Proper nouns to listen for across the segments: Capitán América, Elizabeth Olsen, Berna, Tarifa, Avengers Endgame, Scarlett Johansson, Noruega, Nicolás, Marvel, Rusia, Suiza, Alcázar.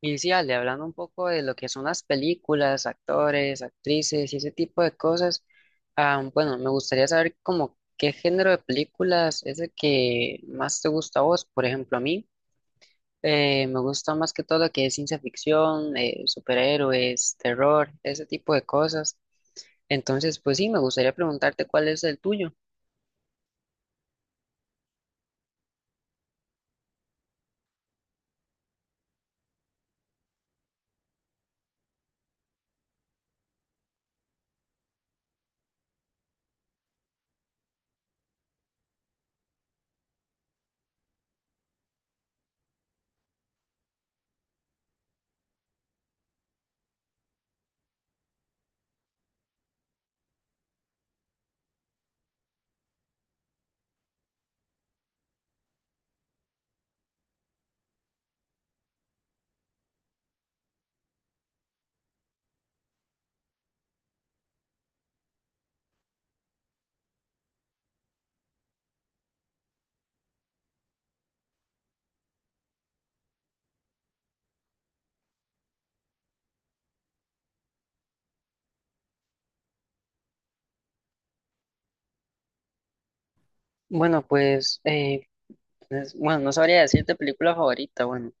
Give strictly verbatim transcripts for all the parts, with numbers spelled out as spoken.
Y sí, Ale, hablando un poco de lo que son las películas, actores, actrices y ese tipo de cosas, ah, bueno, me gustaría saber como qué género de películas es el que más te gusta a vos. Por ejemplo, a mí eh, me gusta más que todo lo que es ciencia ficción, eh, superhéroes, terror, ese tipo de cosas. Entonces, pues sí, me gustaría preguntarte cuál es el tuyo. Bueno, pues, eh, es- bueno, no sabría decirte película favorita, bueno.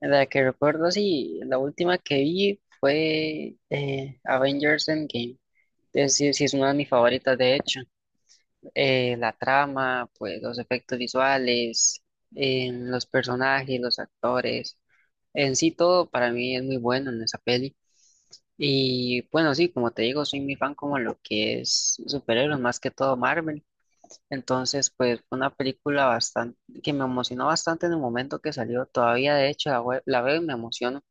La que recuerdo, sí, la última que vi fue eh, Avengers Endgame. Es, sí, sí, es una de mis favoritas, de hecho. Eh, la trama, pues los efectos visuales, eh, los personajes, los actores, en sí todo para mí es muy bueno en esa peli. Y bueno, sí, como te digo, soy muy fan como lo que es superhéroes, más que todo Marvel. Entonces, pues fue una película bastante que me emocionó bastante en el momento que salió. Todavía, de hecho, la, we- la veo y me emociono.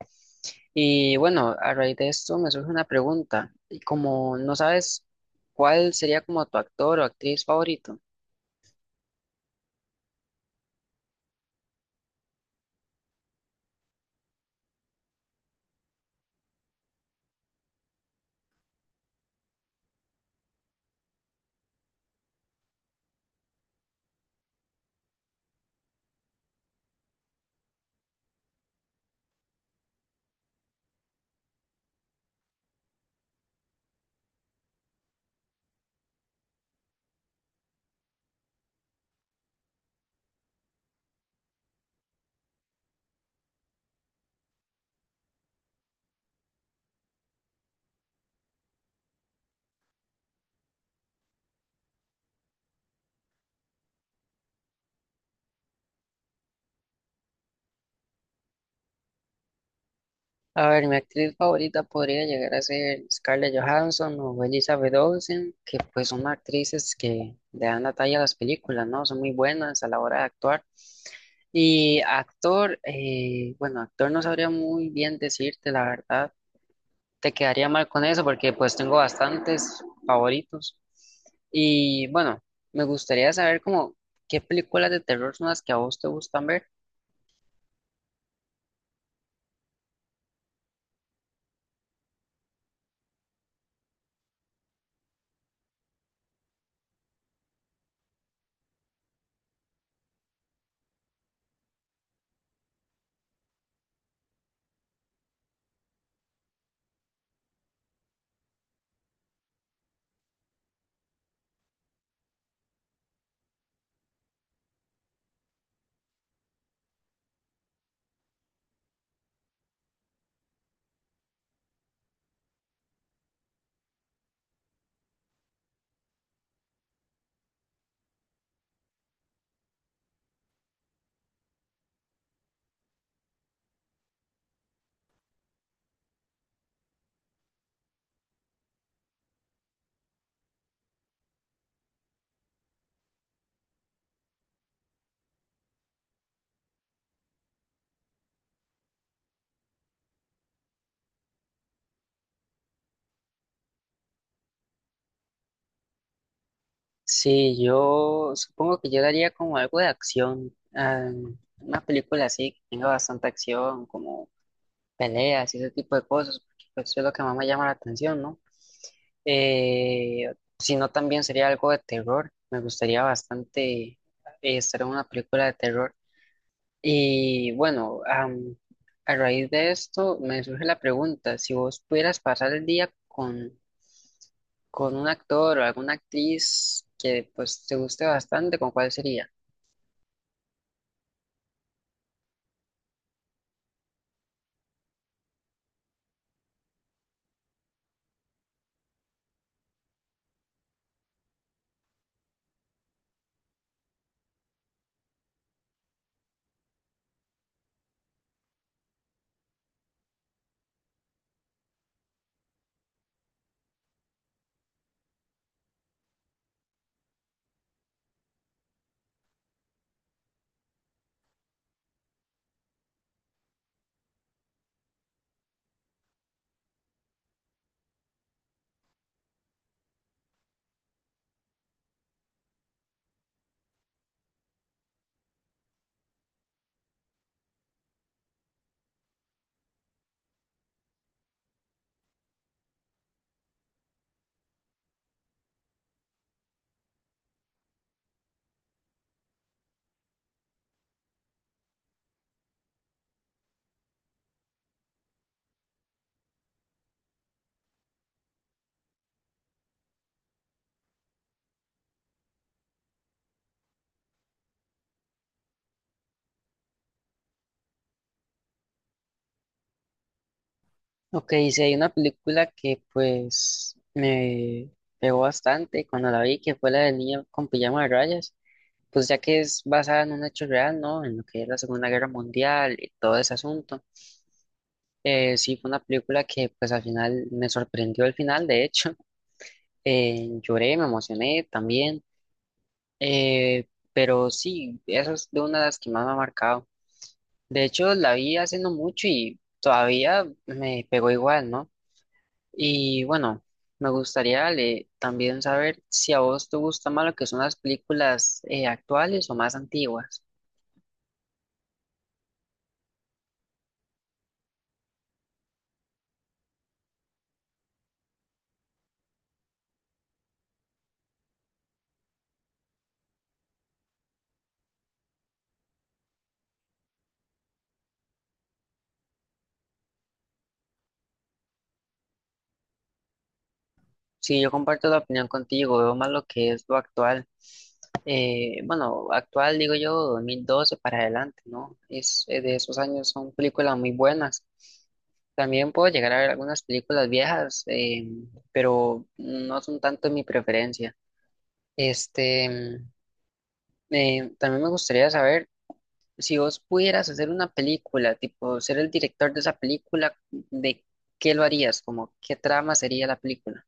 Y bueno, a raíz de esto me surge una pregunta. Y como no sabes cuál sería como tu actor o actriz favorito. A ver, mi actriz favorita podría llegar a ser Scarlett Johansson o Elizabeth Olsen, que pues son actrices que le dan la talla a las películas, ¿no? Son muy buenas a la hora de actuar. Y actor, eh, bueno, actor no sabría muy bien decirte la verdad. Te quedaría mal con eso porque pues tengo bastantes favoritos. Y bueno, me gustaría saber como qué películas de terror son las que a vos te gustan ver. Sí, yo supongo que yo daría como algo de acción, ah, una película así que tenga bastante acción, como peleas y ese tipo de cosas, porque pues, eso es lo que más me llama la atención, ¿no? Eh, si no, también sería algo de terror. Me gustaría bastante eh, estar en una película de terror. Y bueno, am, a raíz de esto me surge la pregunta, si vos pudieras pasar el día con, con un actor o alguna actriz que pues te guste bastante, ¿con cuál sería? Ok, si hay una película que pues me pegó bastante cuando la vi, que fue la del niño con pijama de rayas, pues ya que es basada en un hecho real, ¿no? En lo que es la Segunda Guerra Mundial y todo ese asunto. Eh, sí, fue una película que pues al final me sorprendió el final, de hecho. Eh, lloré, me emocioné también, eh, pero sí, esa es de una de las que más me ha marcado. De hecho, la vi hace no mucho y todavía me pegó igual, ¿no? Y bueno, me gustaría, Ale, también saber si a vos te gusta más lo que son las películas eh, actuales o más antiguas. Sí, yo comparto la opinión contigo, veo más lo que es lo actual. Eh, bueno, actual digo yo, dos mil doce para adelante, ¿no? Es, eh, de esos años son películas muy buenas. También puedo llegar a ver algunas películas viejas, eh, pero no son tanto mi preferencia. Este, mm, eh, también me gustaría saber si vos pudieras hacer una película, tipo ser el director de esa película, ¿de qué lo harías? Como, ¿qué trama sería la película?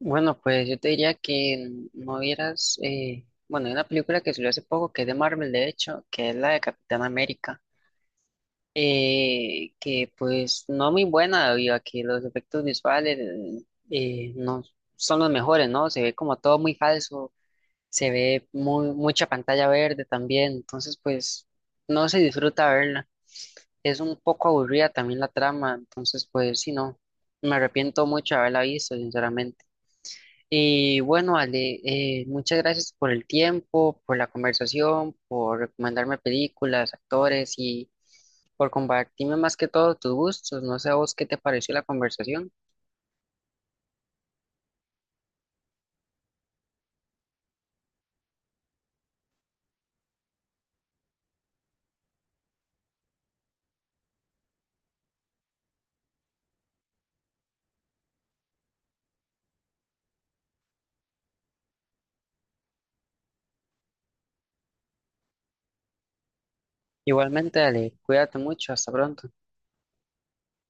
Bueno, pues yo te diría que no vieras, eh, bueno, hay una película que salió hace poco que es de Marvel, de hecho, que es la de Capitán América, eh, que pues no muy buena debido a que los efectos visuales eh, no son los mejores, ¿no? Se ve como todo muy falso, se ve muy, mucha pantalla verde también, entonces pues no se disfruta verla. Es un poco aburrida también la trama, entonces pues sí, no, me arrepiento mucho de haberla visto, sinceramente. Y bueno, Ale, eh, muchas gracias por el tiempo, por la conversación, por recomendarme películas, actores y por compartirme más que todo tus gustos. No sé a vos qué te pareció la conversación. Igualmente, Ale, cuídate mucho, hasta pronto.